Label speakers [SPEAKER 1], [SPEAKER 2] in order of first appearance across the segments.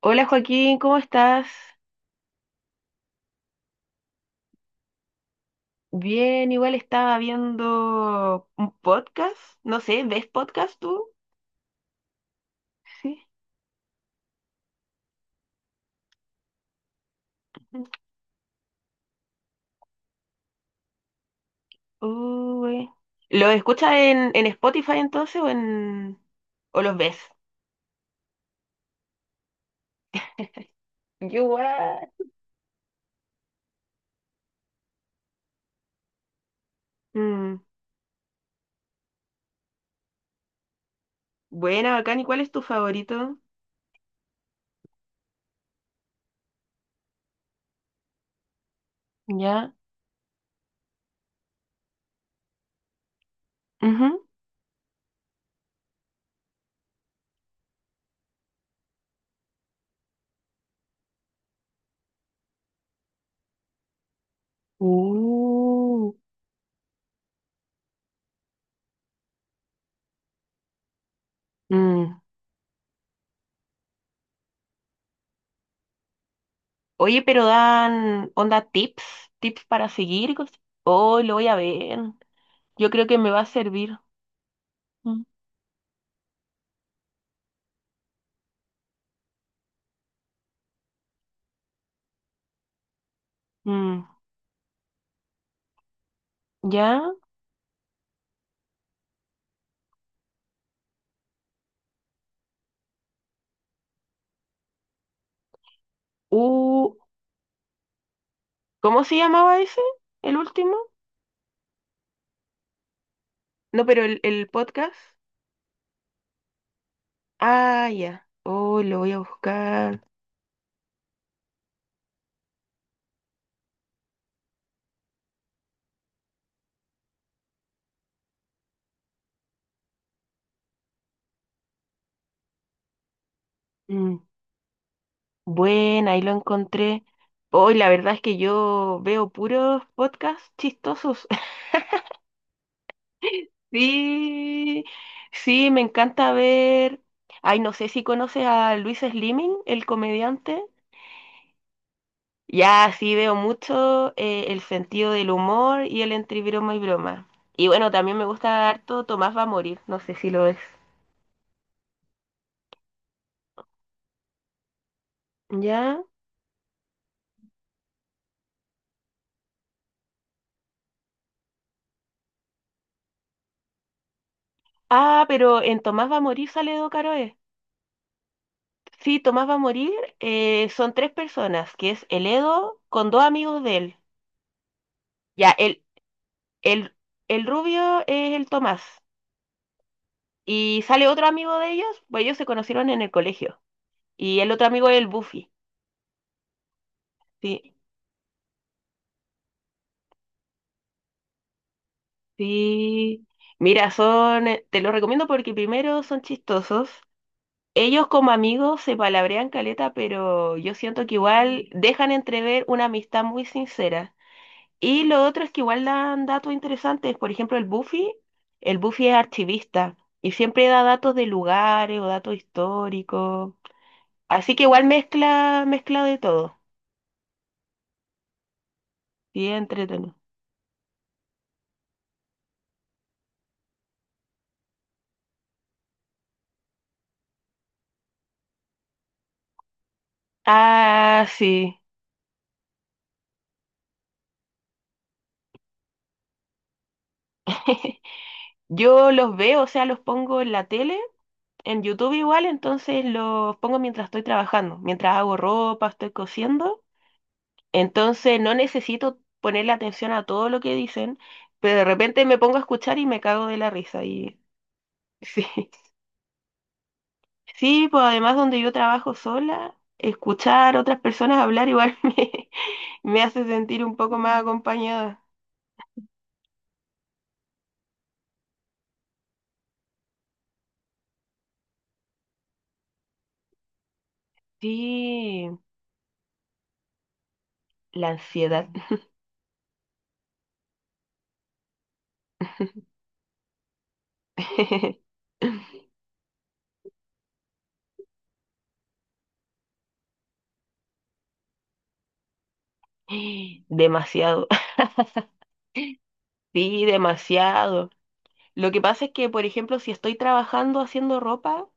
[SPEAKER 1] Hola Joaquín, ¿cómo estás? Bien, igual estaba viendo un podcast, no sé, ¿ves podcast tú? Sí. Uy. ¿Lo escuchas en Spotify entonces o en o los ves? Yo igual. Mm, buena, bacán, ¿y cuál es tu favorito? Ya. Ujú. Uh. Mm. Oye, pero dan onda tips, tips para seguir y cosas. Oh, lo voy a ver. Yo creo que me va a servir. Mm. Mm. ¿Ya? Uh, ¿Cómo se llamaba ese? ¿El último? No, pero el podcast. Ah, ya. Oh, lo voy a buscar. Mm, bueno, ahí lo encontré. Hoy la verdad es que yo veo puros podcasts chistosos. Sí, sí, me encanta ver. Ay, no sé si conoces a Luis Slimming, el comediante. Ya sí veo mucho el sentido del humor y el entre broma y broma. Y bueno, también me gusta harto Tomás va a morir, no sé si lo es. Ya. Ah, pero en Tomás va a morir sale Edo Caroe. Sí, Tomás va a morir son tres personas, que es el Edo con dos amigos de él. Ya, el, el rubio es el Tomás. Y sale otro amigo de ellos, pues ellos se conocieron en el colegio. Y el otro amigo es el Buffy. Sí. Sí, mira, son, te los recomiendo porque primero son chistosos. Ellos como amigos se palabrean caleta, pero yo siento que igual dejan entrever una amistad muy sincera. Y lo otro es que igual dan datos interesantes. Por ejemplo, el Buffy es archivista y siempre da datos de lugares o datos históricos. Así que igual mezcla, mezcla de todo. Sí, entretenido. Ah, sí. Yo los veo, o sea, los pongo en la tele, en YouTube igual, entonces los pongo mientras estoy trabajando, mientras hago ropa, estoy cosiendo. Entonces no necesito ponerle atención a todo lo que dicen, pero de repente me pongo a escuchar y me cago de la risa. Y sí, sí, pues además donde yo trabajo sola, escuchar a otras personas hablar igual me hace sentir un poco más. Mm. Acompañada. Sí, la ansiedad. Demasiado. Sí, demasiado. Lo que pasa es que, por ejemplo, si estoy trabajando haciendo ropa,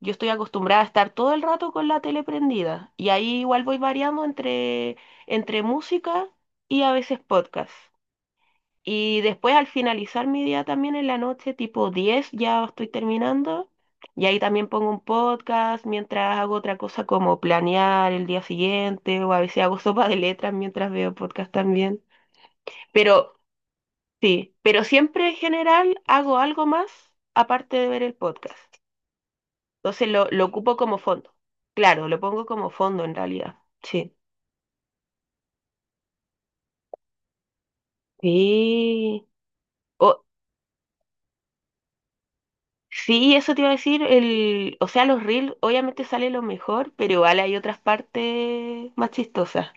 [SPEAKER 1] yo estoy acostumbrada a estar todo el rato con la tele prendida. Y ahí igual voy variando entre, entre música y a veces podcast. Y después al finalizar mi día también en la noche, tipo 10 ya estoy terminando. Y ahí también pongo un podcast mientras hago otra cosa como planear el día siguiente o a veces hago sopa de letras mientras veo podcast también. Pero sí, pero siempre en general hago algo más aparte de ver el podcast. Entonces lo ocupo como fondo. Claro, lo pongo como fondo en realidad. Sí. Sí. O, sí, eso te iba a decir. El, o sea, los reels obviamente sale lo mejor, pero igual hay otras partes más chistosas.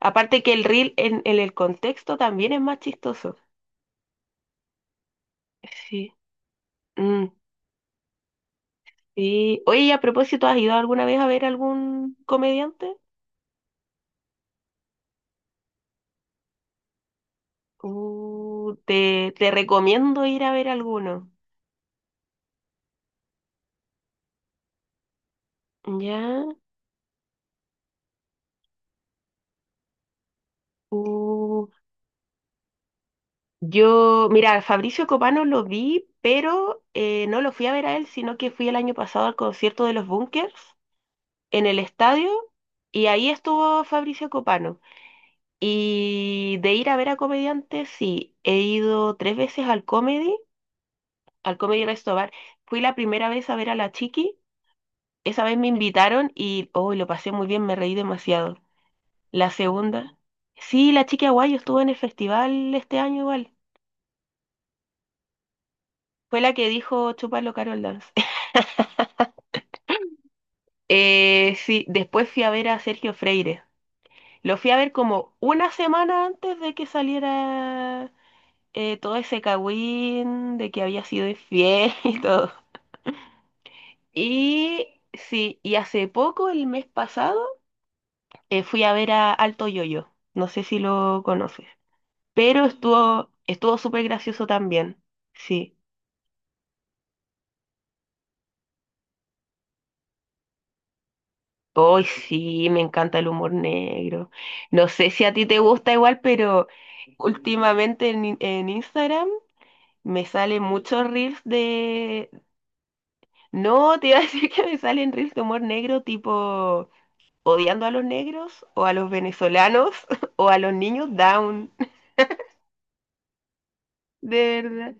[SPEAKER 1] Aparte que el reel en el contexto también es más chistoso. Sí. Mm, sí. Oye, y a propósito, ¿has ido alguna vez a ver algún comediante? Te recomiendo ir a ver alguno. ¿Ya? Uh, yo, mira, Fabricio Copano lo vi, pero no lo fui a ver a él, sino que fui el año pasado al concierto de los Bunkers en el estadio y ahí estuvo Fabricio Copano. Y de ir a ver a comediantes, sí, he ido tres veces al Comedy Resto Bar. Fui la primera vez a ver a la Chiqui, esa vez me invitaron y oh, lo pasé muy bien, me reí demasiado. La segunda. Sí, la chica guayo estuvo en el festival este año igual. Fue la que dijo Chúpalo Carol Dance. Sí, después fui a ver a Sergio Freire. Lo fui a ver como una semana antes de que saliera todo ese cagüín de que había sido infiel y todo. Y sí, y hace poco, el mes pasado, fui a ver a Alto Yoyo. No sé si lo conoces. Pero estuvo, estuvo súper gracioso también. Sí. Hoy sí, me encanta el humor negro. No sé si a ti te gusta igual, pero últimamente en, en Instagram me salen muchos reels de... No, te iba a decir que me salen reels de humor negro tipo odiando a los negros o a los venezolanos o a los niños down. De verdad.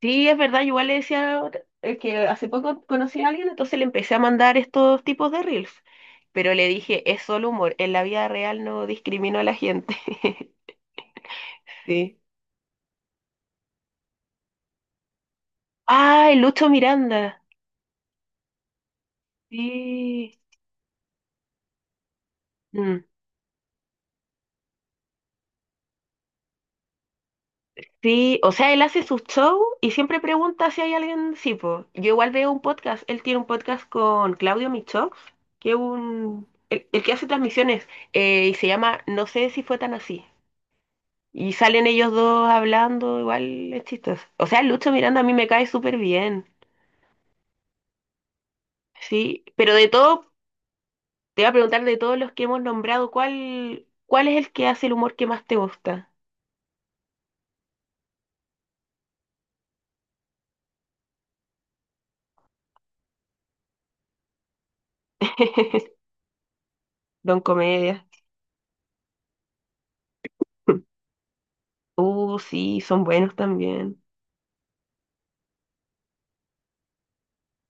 [SPEAKER 1] Sí, es verdad, igual le decía que hace poco conocí a alguien, entonces le empecé a mandar estos tipos de reels, pero le dije, es solo humor, en la vida real no discrimino a la gente. Sí. ¡Ay, Lucho Miranda! Sí. Mm, sí, o sea, él hace su show y siempre pregunta si hay alguien, sí, po. Yo igual veo un podcast, él tiene un podcast con Claudio Michox, que es un, el que hace transmisiones, y se llama No sé si fue tan así. Y salen ellos dos hablando, igual es chistoso. O sea, Lucho Miranda a mí me cae súper bien. Sí, pero de todo, te voy a preguntar de todos los que hemos nombrado, ¿cuál es el que hace el humor que más te gusta? Don Comedia. Sí, son buenos también.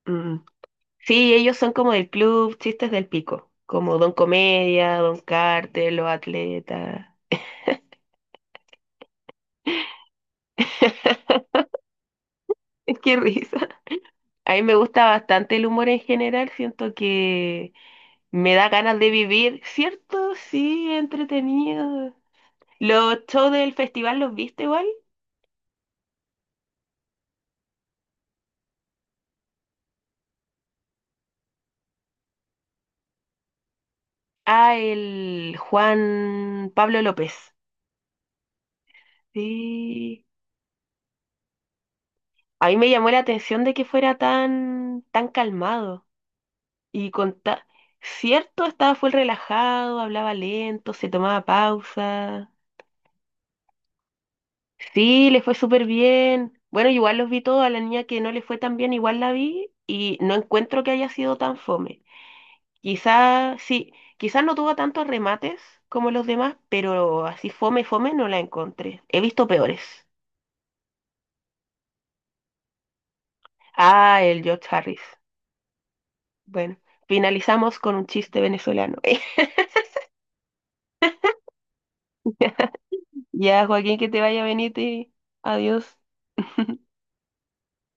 [SPEAKER 1] Mm. Sí, ellos son como del club Chistes del Pico, como Don Comedia, Don Carter, Los Atletas. Qué risa. A mí me gusta bastante el humor en general, siento que me da ganas de vivir, ¿cierto? Sí, entretenido. Los shows del festival los viste igual. Ah, el Juan Pablo López. Sí. A mí me llamó la atención de que fuera tan, tan calmado. Y con ta- Cierto, estaba full relajado, hablaba lento, se tomaba pausa. Sí, le fue súper bien. Bueno, igual los vi todos, a la niña que no le fue tan bien, igual la vi y no encuentro que haya sido tan fome. Quizás, sí, quizás no tuvo tantos remates como los demás, pero así fome, fome no la encontré. He visto peores. Ah, el George Harris. Bueno, finalizamos con un chiste venezolano. Ya, Joaquín, que te vaya a venir. Adiós.